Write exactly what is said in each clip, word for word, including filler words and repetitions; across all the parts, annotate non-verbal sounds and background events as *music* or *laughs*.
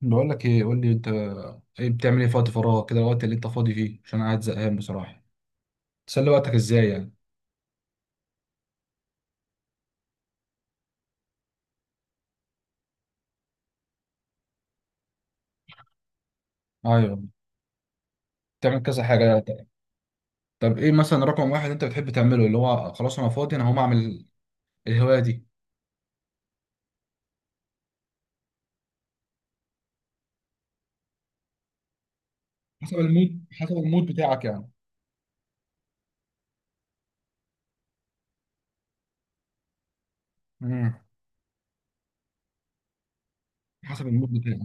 بقول لك ايه، قول لي انت. ايه بتعمل ايه في وقت فراغك كده، الوقت اللي انت فاضي فيه؟ عشان أنا قاعد زهقان بصراحه. تسلي وقتك ازاي يعني؟ ايوه، بتعمل كذا حاجه يعني. طب ايه مثلا رقم واحد انت بتحب تعمله، اللي هو خلاص انا فاضي انا هقوم اعمل الهوايه دي؟ حسب المود حسب المود بتاعك يعني. امم حسب المود بتاعك.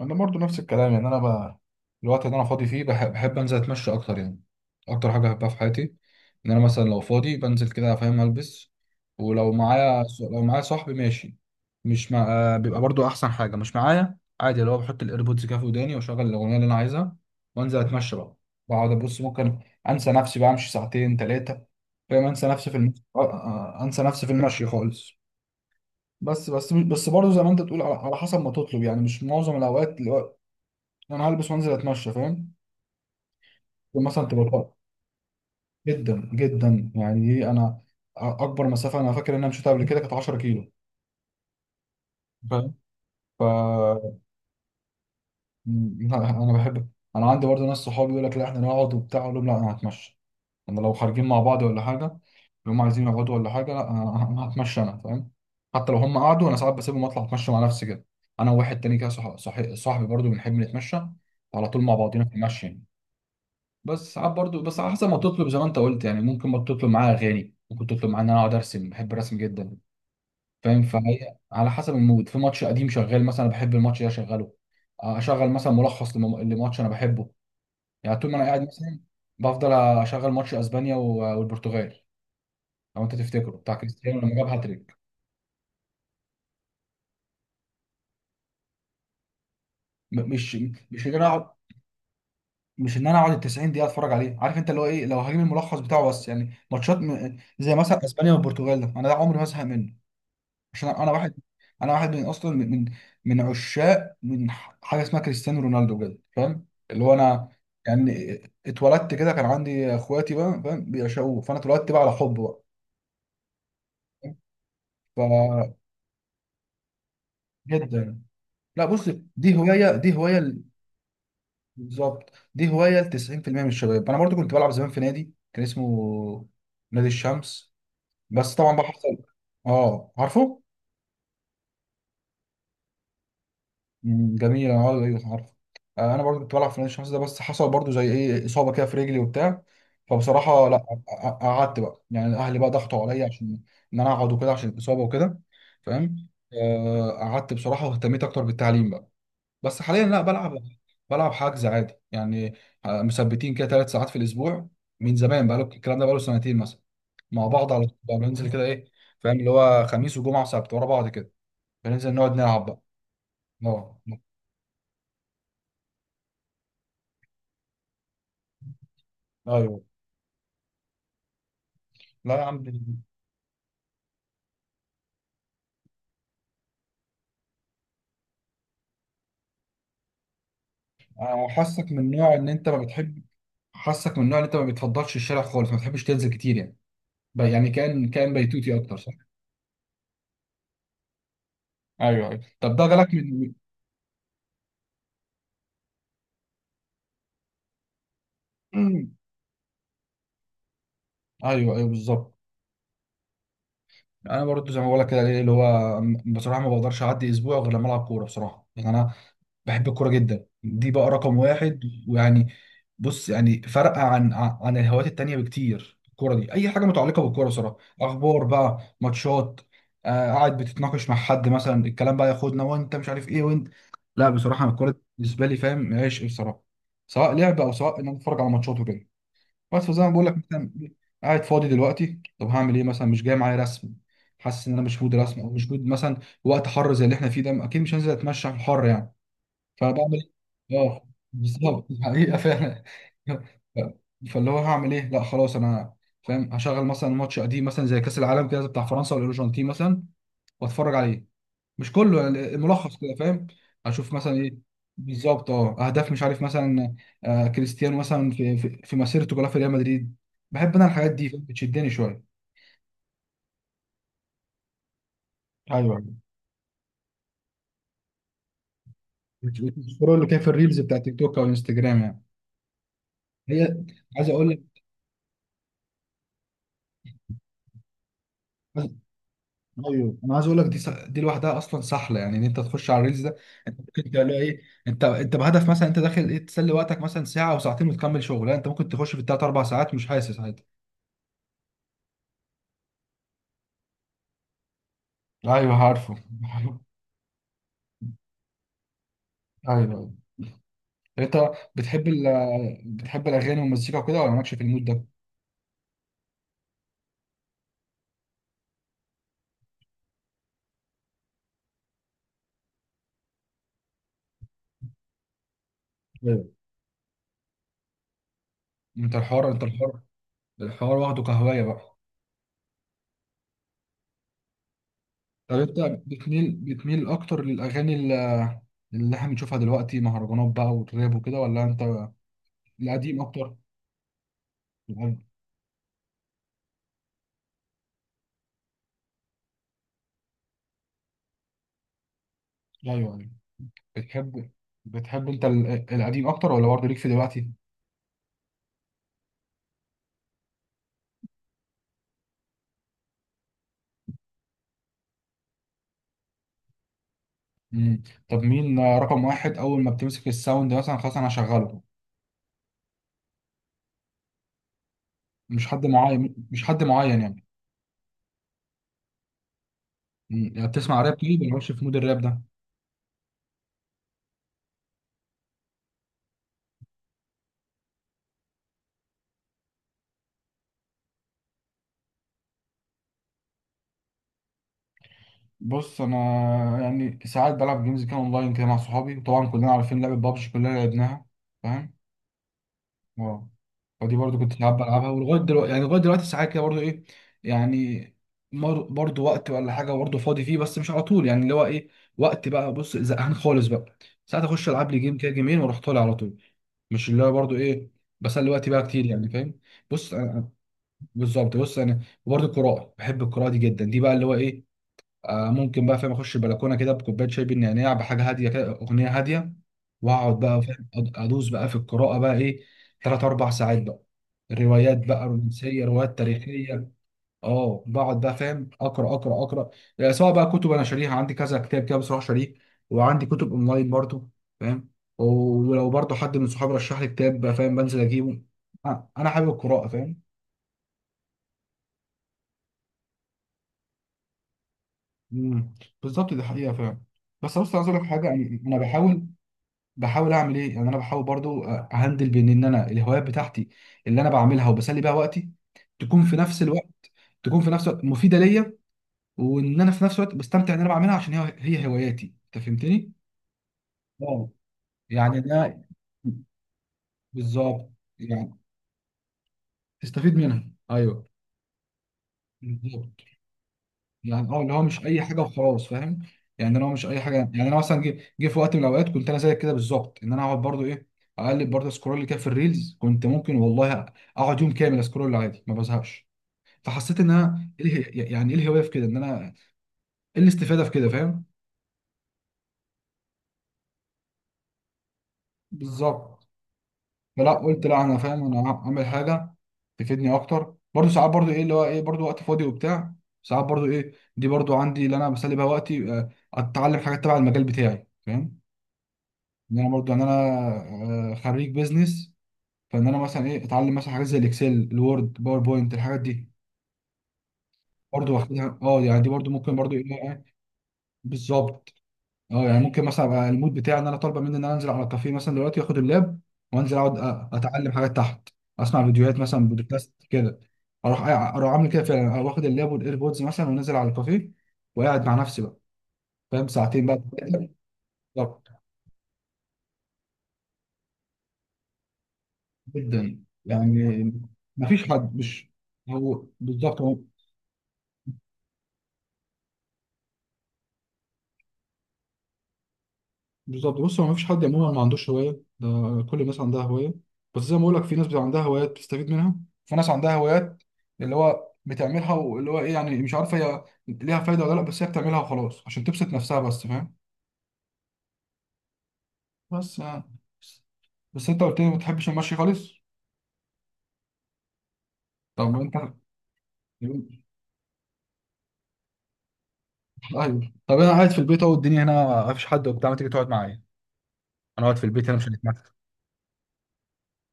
انا برضو نفس الكلام يعني. انا بقى الوقت اللي انا فاضي فيه بح- بحب انزل اتمشى اكتر يعني، اكتر حاجه بحبها في حياتي. ان انا مثلا لو فاضي بنزل كده، فاهم، البس ولو معايا، لو معايا صاحبي ماشي، مش مع... آه، بيبقى برضو احسن حاجه مش معايا عادي، اللي هو بحط الايربودز كده في وداني واشغل الاغنيه اللي انا عايزها وانزل اتمشى بقى. بقعد ابص، ممكن انسى نفسي بقى، امشي ساعتين ثلاثه، فاهم، انسى نفسي في الم... آه، آه، آه، انسى نفسي في المشي خالص. بس بس بس برضه زي ما انت تقول، على على حسب ما تطلب يعني، مش معظم الاوقات انا هلبس وانزل اتمشى فاهم. مثلا تبقى الأرض جدا جدا يعني. ايه، انا اكبر مسافه انا فاكر ان انا مشيتها قبل كده كانت 10 كيلو، فاهم. ف م- لا انا بحب. انا عندي برضه ناس صحابي يقول لك لا احنا نقعد وبتاع، اقول لهم لا انا هتمشى. انا لو خارجين مع بعض ولا حاجه، لو هم عايزين يقعدوا ولا حاجه، لا انا أنا هتمشى انا، فاهم. حتى لو هم قعدوا، انا ساعات بسيبهم اطلع اتمشى مع نفسي كده، انا وواحد تاني كده، صح... صح... صاحبي برضه بنحب نتمشى على طول مع بعضينا في المشي يعني. بس ساعات برضو، بس على حسب ما تطلب زي ما انت قلت يعني، ممكن ما تطلب معايا اغاني، ممكن تطلب معايا ان انا اقعد ارسم. بحب الرسم جدا، فاهم. فهي على حسب المود. في ماتش قديم شغال مثلا بحب الماتش ده اشغله. آه، اشغل مثلا ملخص لم- لماتش انا بحبه يعني. طول ما انا قاعد مثلا بفضل اشغل ماتش اسبانيا و- والبرتغال، لو انت تفتكره بتاع كريستيانو لما جاب هاتريك. م- مش مش ان انا اقعد، مش ان انا اقعد ال التسعين دقيقة دقيقه اتفرج عليه، عارف انت، اللي هو ايه، لو هجيب الملخص بتاعه. بس يعني ماتشات م- زي مثلا اسبانيا والبرتغال ده، انا ده عمري ما ازهق منه. عشان انا واحد، انا واحد من اصلا، من من من عشاق، من ح- حاجه اسمها كريستيانو رونالدو بجد، فاهم. اللي هو انا يعني اتولدت كده، كان عندي اخواتي بقى، فاهم، بيعشقوه، فانا اتولدت بقى على حب بقى. ف جدا. لا بص، دي هوايه دي هوايه ل- بالظبط دي هوايه ل تسعين في المية من الشباب. انا برضو كنت بلعب زمان في نادي كان اسمه نادي الشمس، بس طبعا بقى حصل. اه، عارفه. مم، جميل، انا عارف، ايوه عارف. آه، انا برضو كنت بلعب في نادي الشمس ده، بس حصل برضو زي ايه اصابه كده في رجلي وبتاع. فبصراحه لا، ق- قعدت بقى يعني، اهلي بقى ضغطوا عليا عشان ان انا اقعد وكده عشان الاصابه وكده، فاهم. آه، قعدت بصراحه واهتميت اكتر بالتعليم بقى. بس حاليا لا بلعب، بلعب حجز عادي يعني. آه، مثبتين كده ثلاث ساعات في الاسبوع من زمان بقى. الكلام ده بقى له سنتين مثلا مع بعض على طول بقى. بننزل كده ايه، فاهم، اللي هو خميس وجمعه وسبت ورا بعض كده، بننزل نقعد نلعب بقى. اه ايوه. لا يا عم دي- انا حاسك من نوع ان انت ما بتحب، حاسك من نوع ان انت ما بتفضلش الشارع خالص، ما بتحبش تنزل كتير يعني. ب- يعني كان كان بيتوتي اكتر صح؟ ايوه ايوه. طب ده جالك من *clears throat* مم. ايوه ايوه بالظبط. انا برضو زي ما بقول لك كده، إيه اللي هو، بصراحه ما بقدرش اعدي اسبوع غير لما العب كوره. بصراحه يعني انا بحب الكوره جدا، دي بقى رقم واحد. ويعني، بص، يعني فرق عن عن الهوايات التانية بكتير. الكوره دي اي حاجه متعلقه بالكوره صراحه، اخبار بقى، ماتشات، آه قاعد بتتناقش مع حد مثلا، الكلام بقى ياخدنا وانت مش عارف ايه وانت. لا بصراحه أنا الكوره دي بالنسبه لي، فاهم، عشق بصراحه، سواء لعب او سواء ان انا اتفرج على ماتشات وكده. بس فزي ما بقول لك مثلا، قاعد فاضي دلوقتي، طب هعمل ايه مثلا؟ مش جاي معايا رسم، حاسس ان انا مش مود رسم، او مش مود مثلا، وقت حر زي اللي احنا فيه ده، اكيد مش هنزل اتمشى في الحر يعني. فبعمل ايه؟ اه بالظبط الحقيقه فعلا. *laughs* ف- فاللي هو هعمل ايه؟ لا خلاص انا، فاهم، هشغل مثلا ماتش قديم مثلا، زي كاس العالم كده بتاع فرنسا والارجنتين مثلا، واتفرج عليه. مش كله يعني، ملخص كده فاهم؟ اشوف مثلا ايه. بالظبط، اه، اهداف مش عارف مثلا، آه كريستيانو مثلا في في, في مسيرته كلها في ريال مدريد. بحب انا الحاجات دي فاهم؟ بتشدني شويه. ايوه، بتشوفوا اللي كان في الريلز بتاع تيك توك او انستجرام يعني. هي، عايز اقول لك، ايوه انا عايز اقول لك، دي س... دي لوحدها اصلا سحله يعني، ان انت تخش على الريلز ده انت ممكن تلاقي ايه. انت انت بهدف مثلا انت داخل ايه، تسلي وقتك مثلا ساعه او ساعتين وتكمل شغل، لا انت ممكن تخش في الثلاث اربع ساعات مش حاسس، عادي. ايوه عارفه. *laughs* ايوه ايوه. انت بتحب ال... بتحب الاغاني والمزيكا وكده ولا مالكش في المود ده؟ ايوه انت الحوار، انت الحوار، الحوار واخده كهوايه بقى. طب انت بتميل بتميل اكتر للاغاني ال- اللي احنا بنشوفها دلوقتي مهرجانات بقى والراب وكده ولا انت القديم اكتر؟ القديم. ايوه ايوه. بتحب، بتحب انت ال- القديم اكتر ولا برضه ليك في دلوقتي؟ مم. طب مين رقم واحد اول ما بتمسك الساوند مثلا خلاص انا هشغله؟ مش حد معين مش حد معين يعني. مم. يعني بتسمع راب طيب ولا مش في مود الراب ده؟ بص انا يعني ساعات بلعب جيمز كده اونلاين كده مع صحابي، وطبعا كلنا عارفين لعبة بابجي كلنا لعبناها، فاهم. اه ودي برضو كنت ساعات بلعبها ولغايه دلوقتي يعني، لغايه دلوقتي ساعات كده برضو ايه يعني، مر- برضو وقت ولا حاجه برضو فاضي فيه، بس مش على طول يعني، اللي هو ايه، وقت بقى بص زهقان خالص بقى، ساعات اخش العب لي جيم كده جيمين واروح طالع على طول، مش اللي هو برضو ايه بسلي وقتي بقى كتير يعني، فاهم. بص انا، بالظبط، بص انا وبرضو القراءه، بحب القراءه دي جدا، دي بقى اللي هو ايه، آه، ممكن بقى، فاهم، اخش البلكونه كده بكوبايه شاي بالنعناع، بحاجه هاديه كده، اغنيه هاديه، واقعد بقى، فاهم، أد- ادوس بقى في القراءه بقى ايه، ثلاث اربع ساعات بقى، روايات بقى رومانسيه، روايات تاريخيه. اه بقعد بقى، فاهم، اقرا اقرا اقرا يعني، سواء بقى كتب انا شاريها، عندي كذا كتاب كده بصراحه شاريه، وعندي كتب اونلاين برضو، فاهم. ولو برضو حد من صحابي رشح لي كتاب بقى، فاهم، بنزل اجيبه. آه، انا حابب القراءه فاهم. مم. بالظبط دي حقيقه فعلا. بس بص عايز اقول لك حاجه، يعني انا بحاول، بحاول اعمل ايه يعني، انا بحاول برضو اهندل بين ان انا الهوايات بتاعتي اللي انا بعملها وبسلي بيها وقتي تكون في نفس الوقت، تكون في نفس الوقت مفيده ليا، وان انا في نفس الوقت بستمتع ان انا بعملها، عشان هي هي هواياتي، انت فهمتني. اه يعني ده، بالظبط يعني، تستفيد منها، ايوه بالظبط. يعني اه اللي هو مش اي حاجه وخلاص، فاهم، يعني انا هو مش اي حاجه. يعني انا مثلا جه جه في وقت من الاوقات كنت انا زيك كده بالظبط، ان انا اقعد برضو ايه، اقلب برضو سكرول كده في الريلز. كنت ممكن والله اقعد يوم كامل اسكرول عادي ما بزهقش. فحسيت ان انا ايه اله- يعني ايه الهوايه في كده، ان انا ايه الاستفاده في كده فاهم. بالظبط. فلا قلت لا انا، فاهم، انا اعمل حاجه تفيدني اكتر. برضو ساعات برضو ايه، اللي هو ايه، برضو وقت فاضي وبتاع، ساعات برضو ايه، دي برضو عندي اللي انا بسلي بيها وقتي، آه، اتعلم حاجات تبع المجال بتاعي، فاهم، ان انا برضو ان انا، آه، خريج بيزنس، فان انا مثلا ايه اتعلم مثلا حاجات زي الاكسل، الوورد، باوربوينت، الحاجات دي برضو، واخدها اه يعني، دي برضو ممكن برضو ايه، إيه، بالظبط اه. يعني ممكن مثلا ابقى المود بتاعي ان انا طالبه مني ان انا انزل على الكافيه مثلا دلوقتي، واخد اللاب وانزل اقعد أ- اتعلم حاجات تحت، اسمع فيديوهات مثلا، بودكاست كده. اروح اروح اعمل كده فعلا، أروح واخد اللاب والايربودز مثلا ونازل على الكافيه، وقاعد مع نفسي بقى، فاهم، ساعتين بقى. بالظبط، جدا يعني. مفيش حد مش، هو بالظبط هو، بالظبط. بص هو مفيش حد عموما ما عندوش هوايه ده، كل الناس عندها هوايه، بس زي ما بقول لك في ناس بتبقى عندها هوايات بتستفيد منها، في ناس عندها هوايات اللي هو بتعملها واللي هو ايه يعني مش عارفه هي ليها فايده ولا لا، بس هي بتعملها وخلاص عشان تبسط نفسها بس، فاهم. بس يعني، بس انت قلت لي ما بتحبش المشي خالص، طب ما انت. *laughs* ايوه، طب انا قاعد في البيت اهو، الدنيا هنا ما فيش حد وبتاع، ما تيجي تقعد معايا. انا قاعد في البيت هنا مش هنتمتع.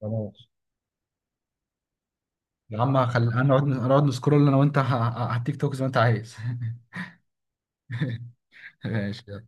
خلاص يا عم، خلي انا اقعد، انا اقعد نسكرول انا وانت *laughs* ه- ه- على التيك توك زي ما انت عايز. *laughs* ماشي.